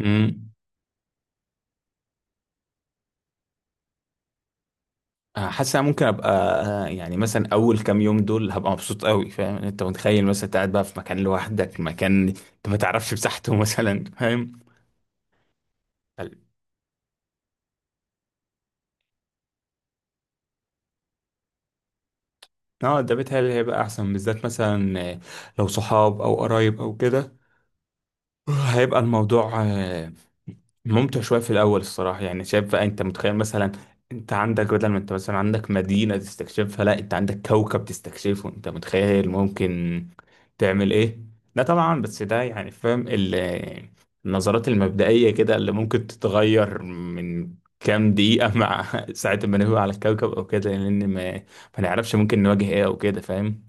امم حاسس أنا ممكن ابقى. يعني مثلا اول كام يوم دول هبقى مبسوط قوي، فاهم؟ انت متخيل مثلا أنت قاعد بقى في مكان لوحدك، مكان انت ما تعرفش مساحته مثلا، فاهم؟ اه، ده بيتهيألي هيبقى احسن، بالذات مثلا لو صحاب او قرايب او كده. هيبقى الموضوع ممتع شوية في الأول الصراحة. يعني شايف بقى، أنت متخيل مثلا أنت عندك، بدل ما أنت مثلا عندك مدينة تستكشفها، لا أنت عندك كوكب تستكشفه. أنت متخيل ممكن تعمل إيه؟ لا طبعا، بس ده يعني فاهم النظرات المبدئية كده اللي ممكن تتغير من كام دقيقة مع ساعة ما نهوي على الكوكب أو كده، لأن ما نعرفش ممكن نواجه إيه أو كده، فاهم؟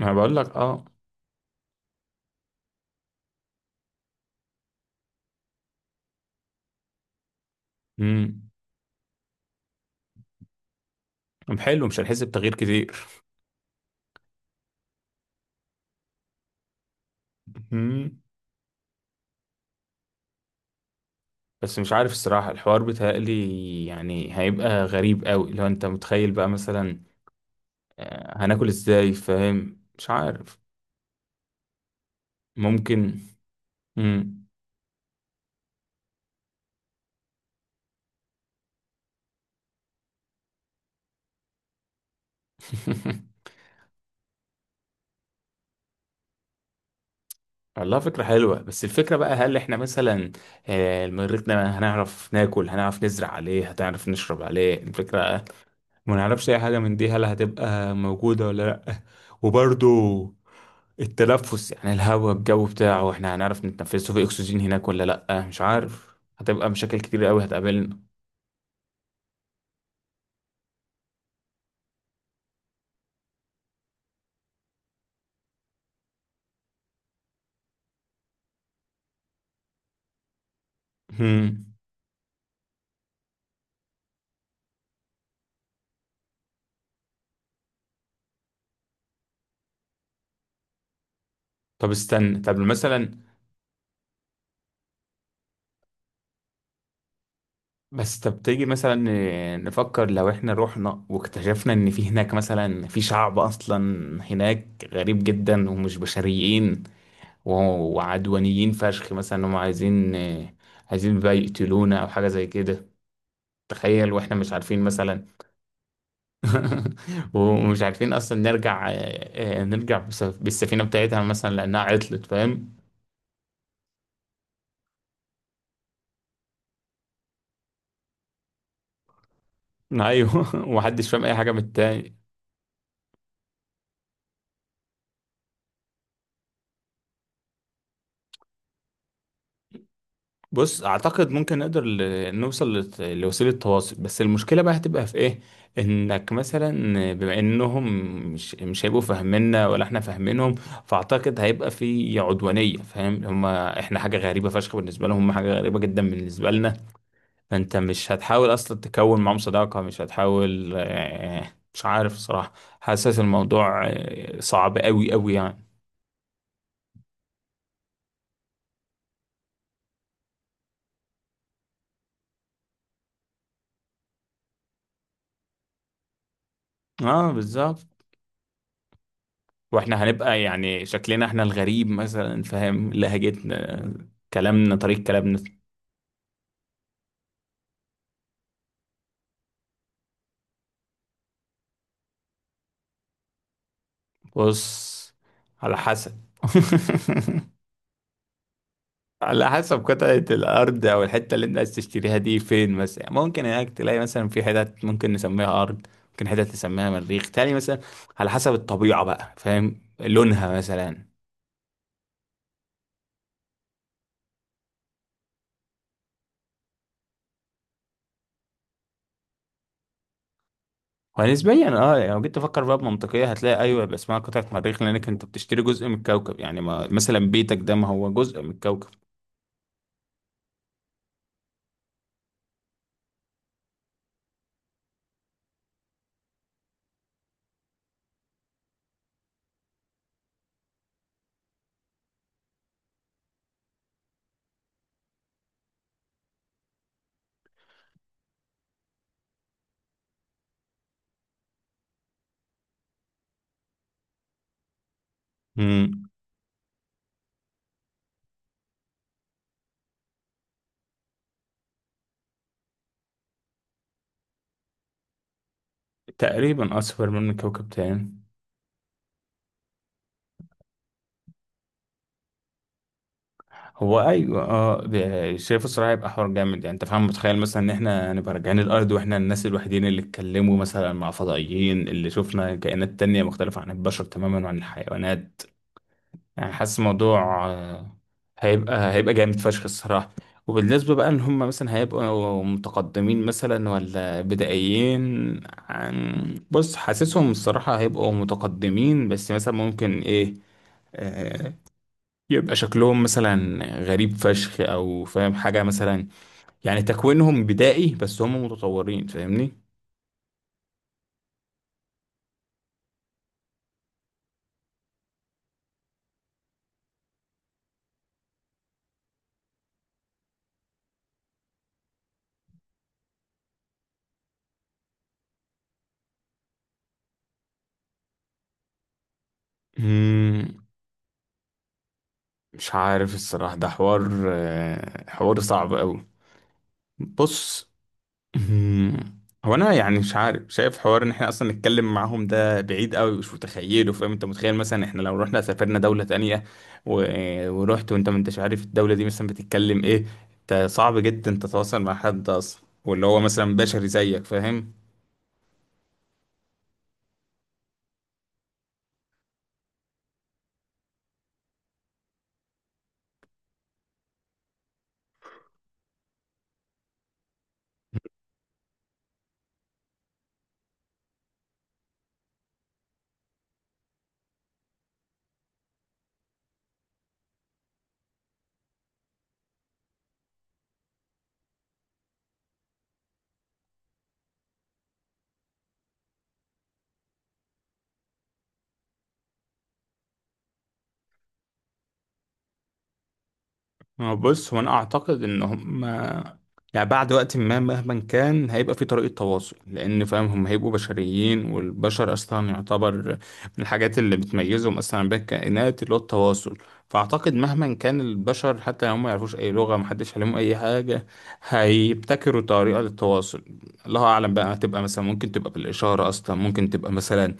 ما أنا بقول لك أه. امم حلو، مش هنحس بتغيير كتير. بس مش عارف الصراحة، الحوار بيتهيألي يعني هيبقى غريب قوي لو انت متخيل بقى مثلا هناكل ازاي، فاهم؟ مش عارف. ممكن. مم. والله فكرة حلوة، بس الفكرة بقى هل احنا مثلا المريخ ده هنعرف ناكل، هنعرف نزرع عليه، هتعرف نشرب عليه؟ الفكرة ما نعرفش اي حاجه من دي، هل هتبقى موجوده ولا لا. وبرضو التنفس، يعني الهواء الجو بتاعه، احنا هنعرف نتنفسه؟ في اكسجين هناك ولا لا؟ مش عارف، هتبقى مشاكل كتير قوي هتقابلنا. هم. طب استنى، طب مثلا، بس طب تيجي مثلا نفكر لو احنا رحنا واكتشفنا ان في هناك مثلا في شعب اصلا هناك غريب جدا ومش بشريين وعدوانيين فشخ، مثلا هم عايزين بقى يقتلونا او حاجه زي كده. تخيل واحنا مش عارفين مثلا ومش عارفين اصلا نرجع. نرجع بالسفينه بتاعتها مثلا لانها عطلت، فاهم؟ ايوه ومحدش فاهم اي حاجه من التاني. بص، اعتقد ممكن نقدر نوصل لوسيله تواصل، بس المشكله بقى هتبقى في ايه؟ انك مثلا بما انهم مش هيبقوا فاهميننا ولا احنا فاهمينهم، فاعتقد هيبقى في عدوانيه. فاهم؟ هما احنا حاجه غريبه فشخ بالنسبه لهم، هما حاجه غريبه جدا بالنسبه لنا. انت مش هتحاول اصلا تكون معاهم صداقة، مش هتحاول مش عارف صراحة. حاسس الموضوع صعب قوي يعني. اه بالظبط. واحنا هنبقى يعني شكلنا احنا الغريب مثلا، فاهم؟ لهجتنا، كلامنا، طريقة كلامنا. بص، على حسب. على حسب قطعة الأرض أو الحتة اللي أنت عايز تشتريها دي فين مثلا. يعني ممكن هناك تلاقي مثلا في حتت ممكن نسميها أرض، ممكن حتت نسميها مريخ تاني مثلا، على حسب الطبيعة بقى، فاهم؟ لونها مثلا. ونسبيا اه، يعني لو جيت تفكر بقى بمنطقية هتلاقي أيوه، يبقى اسمها قطعة مريخ، لأنك أنت بتشتري جزء من الكوكب. يعني ما مثلا بيتك ده ما هو جزء من الكوكب. امم، تقريبا أصفر من كوكب تاني. هو ايوه اه، شايف الصراحه هيبقى حوار جامد، يعني انت فاهم، متخيل مثلا ان احنا هنبقى راجعين الارض واحنا الناس الوحيدين اللي اتكلموا مثلا مع فضائيين، اللي شفنا كائنات تانية مختلفه عن البشر تماما وعن الحيوانات. يعني حاسس الموضوع هيبقى جامد فشخ الصراحه. وبالنسبه بقى ان هم مثلا هيبقوا متقدمين مثلا ولا بدائيين، عن بص حاسسهم الصراحه هيبقوا متقدمين، بس مثلا ممكن ايه، آه، يبقى شكلهم مثلا غريب فشخ او فاهم حاجة مثلا. يعني تكوينهم بدائي بس هم متطورين، فاهمني؟ مم، مش عارف الصراحة، ده حوار حوار صعب قوي. بص. مم. هو انا يعني مش عارف، شايف حوار ان احنا اصلا نتكلم معاهم ده بعيد قوي، مش متخيله. فاهم؟ انت متخيل مثلا احنا لو رحنا سافرنا دولة تانية ورحت وانت ما انتش عارف الدولة دي مثلا بتتكلم ايه، انت صعب جدا تتواصل مع حد اصلا واللي هو مثلا بشري زيك، فاهم؟ هو بص، هو انا اعتقد ان هم يعني بعد وقت ما مهما كان هيبقى في طريقة تواصل، لان فاهم هم هيبقوا بشريين، والبشر اصلا يعتبر من الحاجات اللي بتميزهم اصلا بين الكائنات اللي هو التواصل. فاعتقد مهما كان البشر حتى لو هم ما يعرفوش اي لغة، محدش عليهم اي حاجة، هيبتكروا طريقة للتواصل. الله اعلم بقى هتبقى مثلا، ممكن تبقى بالاشارة اصلا، ممكن تبقى مثلا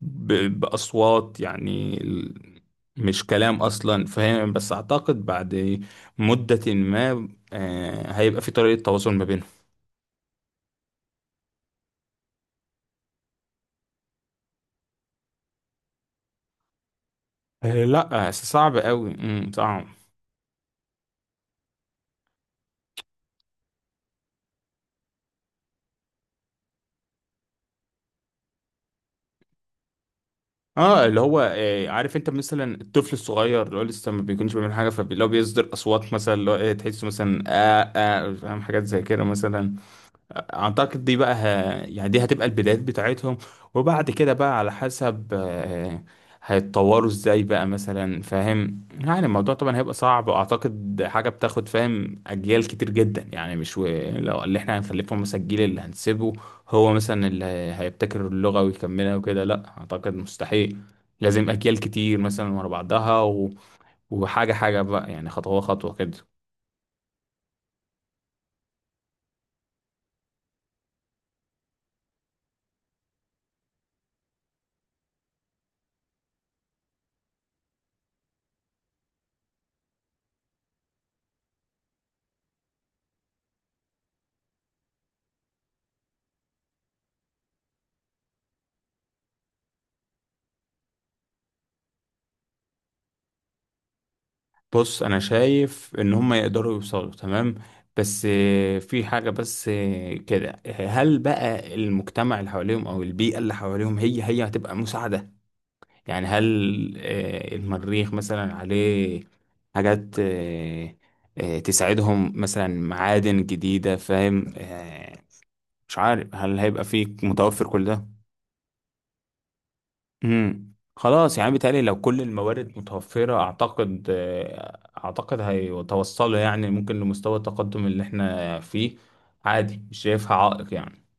باصوات، يعني مش كلام اصلا، فاهم؟ بس اعتقد بعد مدة ما هيبقى في طريقة تواصل ما بينهم. لا صعب قوي، صعب. اه، اللي هو عارف انت مثلا الطفل الصغير اللي هو لسه ما بيكونش بيعمل حاجة، فلو بيصدر اصوات مثلا اللي هو إيه، تحسه مثلا آه آه، فاهم؟ حاجات زي كده مثلا. اعتقد دي بقى يعني دي هتبقى البدايات بتاعتهم. وبعد كده بقى على حسب هيتطوروا ازاي بقى مثلا، فاهم؟ يعني الموضوع طبعا هيبقى صعب، واعتقد حاجه بتاخد فاهم اجيال كتير جدا يعني. مش لو اللي احنا هنخلفهم مثلا الجيل اللي هنسيبه هو مثلا اللي هيبتكر اللغه ويكملها وكده، لا اعتقد مستحيل. لازم اجيال كتير مثلا ورا بعضها وحاجه حاجه بقى، يعني خطوه خطوه كده. بص انا شايف ان هم يقدروا يوصلوا تمام، بس في حاجة بس كده، هل بقى المجتمع اللي حواليهم او البيئة اللي حواليهم هي هتبقى مساعدة؟ يعني هل المريخ مثلا عليه حاجات تساعدهم، مثلا معادن جديدة، فاهم؟ مش عارف هل هيبقى فيه متوفر كل ده. خلاص، يعني بيتهيألي لو كل الموارد متوفرة أعتقد أعتقد هيتوصلوا يعني ممكن لمستوى التقدم اللي احنا فيه عادي، مش شايفها عائق يعني.